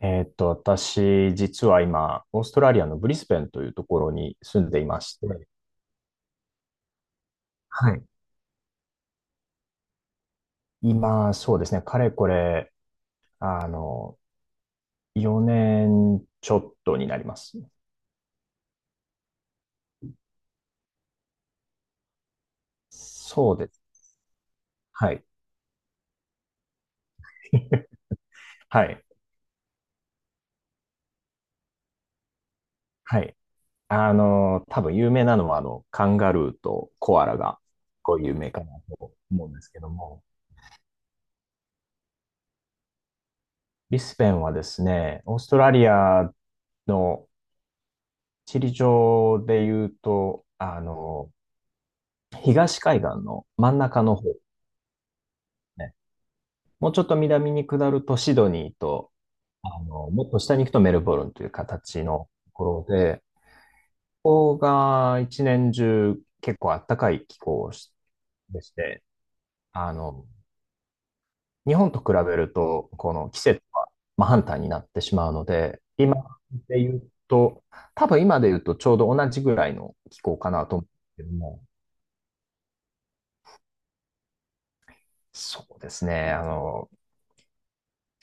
私、実は今、オーストラリアのブリスベンというところに住んでいまして、はい。今、そうですね、かれこれ、あの、4年ちょっとになります。そうです。はい。はい。はい。多分有名なのは、カンガルーとコアラが、こう有名かなと思うんですけども、ブリスベンはですね、オーストラリアの地理上で言うと、東海岸の真ん中の方ですね。もうちょっと南に下るとシドニーと、もっと下に行くとメルボルンという形のところで、ここが一年中結構暖かい気候でして、あの、日本と比べると、この季節は真反対になってしまうので、今で言うと、多分今で言うとちょうど同じぐらいの気候かなと思うんですけども、そうですね、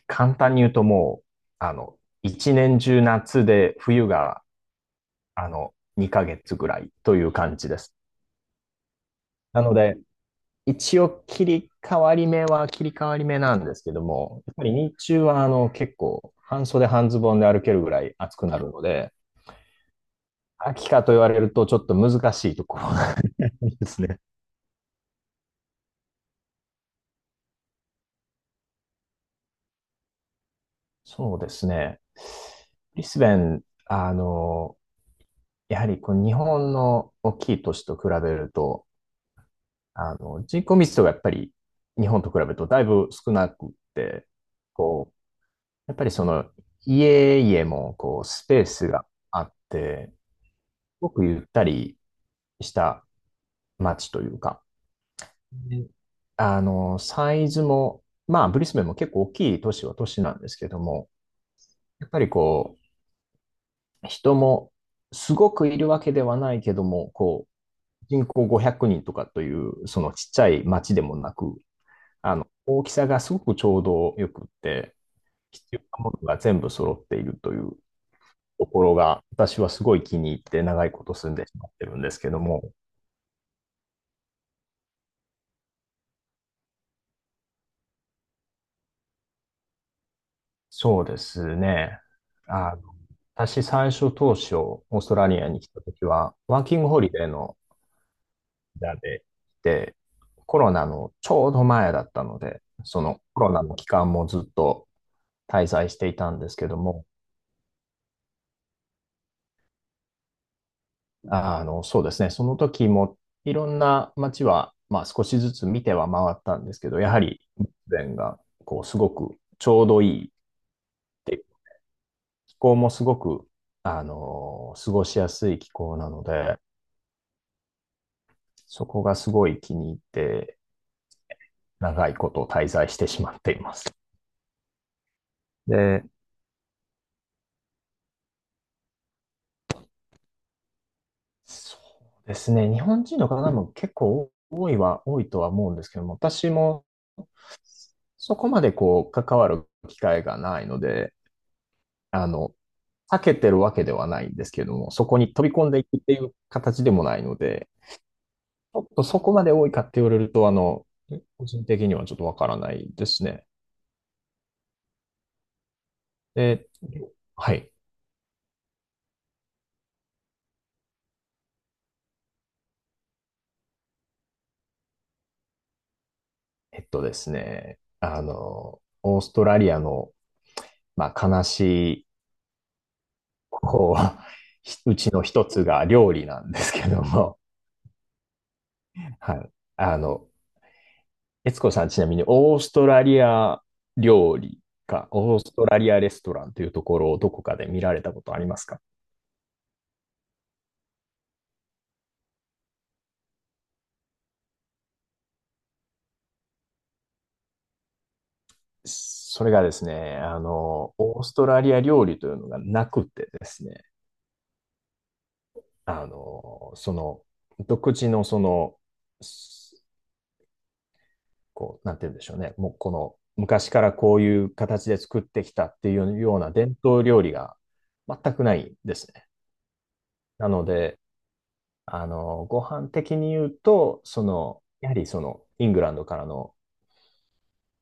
簡単に言うともう、あの、一年中夏で冬が、あの、2ヶ月ぐらいという感じです。なので、一応切り替わり目は切り替わり目なんですけども、やっぱり日中は結構半袖半ズボンで歩けるぐらい暑くなるので、秋かと言われるとちょっと難しいところがありますね。そうですね。ブリスベン、やはりこう日本の大きい都市と比べると、人口密度がやっぱり日本と比べるとだいぶ少なくって、こう、やっぱりその家々もこうスペースがあって、すごくゆったりした街というか、でサイズも、まあ、ブリスベンも結構大きい都市は都市なんですけども、やっぱり人もすごくいるわけではないけども、人口500人とかという、そのちっちゃい町でもなく、大きさがすごくちょうどよくって、必要なものが全部揃っているというところが、私はすごい気に入って長いこと住んでしまってるんですけども、そうですね。あの、私最初当初、オーストラリアに来た時は、ワーキングホリデーの間で来て、コロナのちょうど前だったので、そのコロナの期間もずっと滞在していたんですけども、そうですね。その時もいろんな街は、まあ、少しずつ見ては回ったんですけど、やはりブレーデンがこうすごくちょうどいいで、気候もすごく、過ごしやすい気候なので、そこがすごい気に入って長いこと滞在してしまっています。で、そうですね。日本人の方も結構多いは多いとは思うんですけども、私もそこまで関わる機会がないので、あの、避けてるわけではないんですけれども、そこに飛び込んでいくっていう形でもないので、ちょっとそこまで多いかって言われると、個人的にはちょっとわからないですね。で、はい。えっとですね、オーストラリアの、まあ、悲しい、こうちの一つが料理なんですけども、はい。あの、悦子さん、ちなみにオーストラリア料理か、オーストラリアレストランというところをどこかで見られたことありますか？それがですね、オーストラリア料理というのがなくてですね、その、独自のその、すこう、なんて言うんでしょうね、もうこの、昔からこういう形で作ってきたっていうような伝統料理が全くないですね。なので、ご飯的に言うと、その、やはりその、イングランドからの、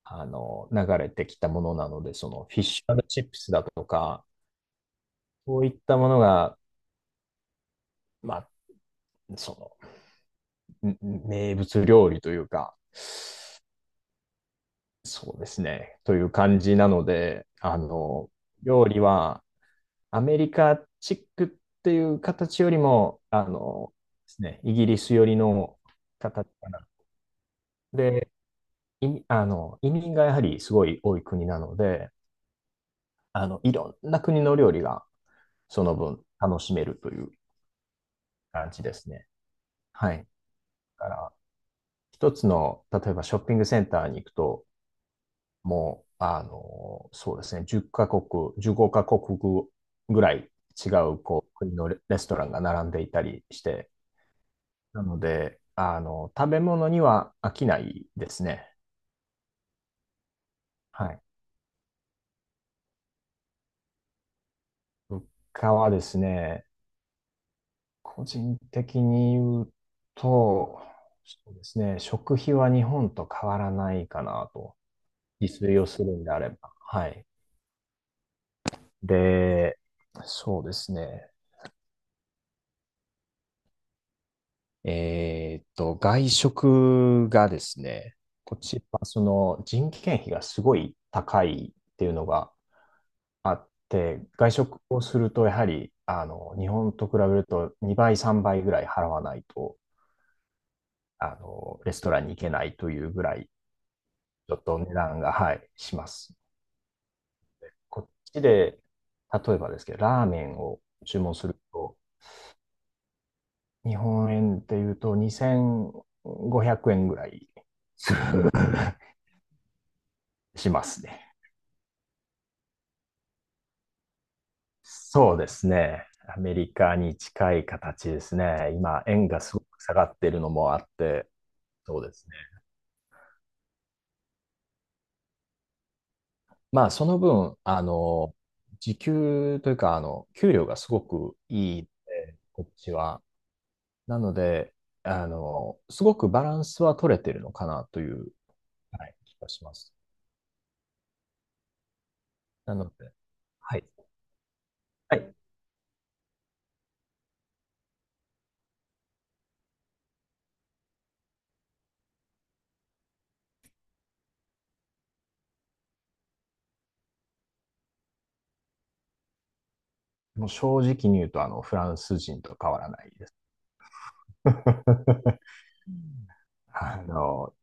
流れてきたものなので、その、フィッシュチップスだとか、そういったものが、まあ、その、名物料理というか、そうですね、という感じなので、料理はアメリカチックっていう形よりも、ですね、イギリス寄りの形かな。で、移民がやはりすごい多い国なので、いろんな国の料理がその分楽しめるという感じですね。はい。だから、一つの、例えばショッピングセンターに行くと、もう、そうですね、10カ国、15カ国ぐらい違う、国のレレストランが並んでいたりして、なので、食べ物には飽きないですね。はい。物価はですね、個人的に言うと、そうですね、食費は日本と変わらないかなと、自炊をするんであれば。はい。で、そうですね。外食がですね、こちら、その人件費がすごい高いっていうのがあって、外食をすると、やはり、日本と比べると2倍、3倍ぐらい払わないと、レストランに行けないというぐらい、ちょっと値段が、はい、します。こっちで、例えばですけど、ラーメンを注文すると、日本円でいうと2500円ぐらいしますね。そうですね。アメリカに近い形ですね。今、円がすごく下がってるのもあって、そうですね。まあ、その分、時給というか、給料がすごくいいので、こっちは。なので、すごくバランスは取れてるのかなという、はい、気がします。なので、はい。はい。もう正直に言うと、フランス人と変わらないです。うんあの、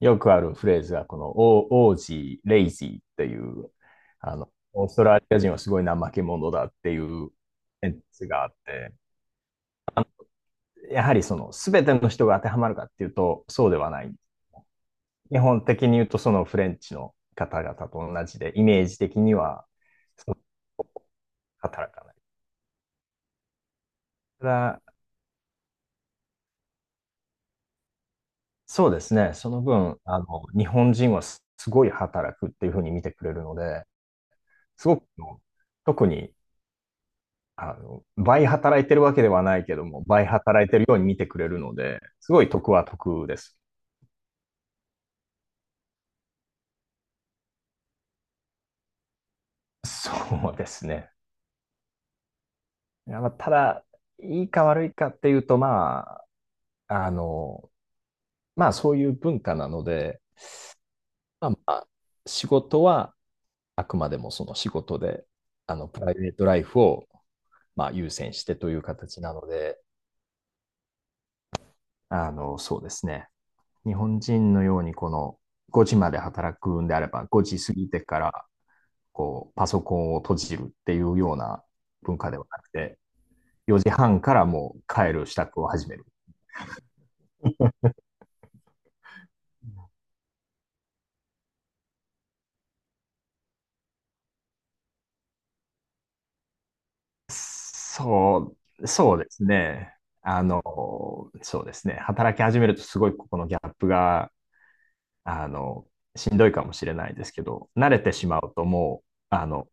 よくあるフレーズが、この、オージー、レイジーっていう、オーストラリア人はすごい怠け者だっていうセンスがあって、やはりその、すべての人が当てはまるかっていうと、そうではない。基本的に言うと、そのフレンチの方々と同じで、イメージ的には、働かない。ただ、そうですね、その分、日本人はすすごい働くっていうふうに見てくれるので、すごく、特に倍働いてるわけではないけども、倍働いてるように見てくれるので、すごい得は得です。そうですね。いやまあただ、いいか悪いかっていうと、まあ、あの、まあ、そういう文化なので、まあ仕事はあくまでもその仕事で、プライベートライフを、まあ、優先してという形なので、そうですね。日本人のように、この5時まで働くんであれば、5時過ぎてからパソコンを閉じるっていうような文化ではなくて、4時半からもう帰る支度を始める。そそうですね。あの、そうですね。働き始めるとすごいここのギャップが、あの、しんどいかもしれないですけど、慣れてしまうともう、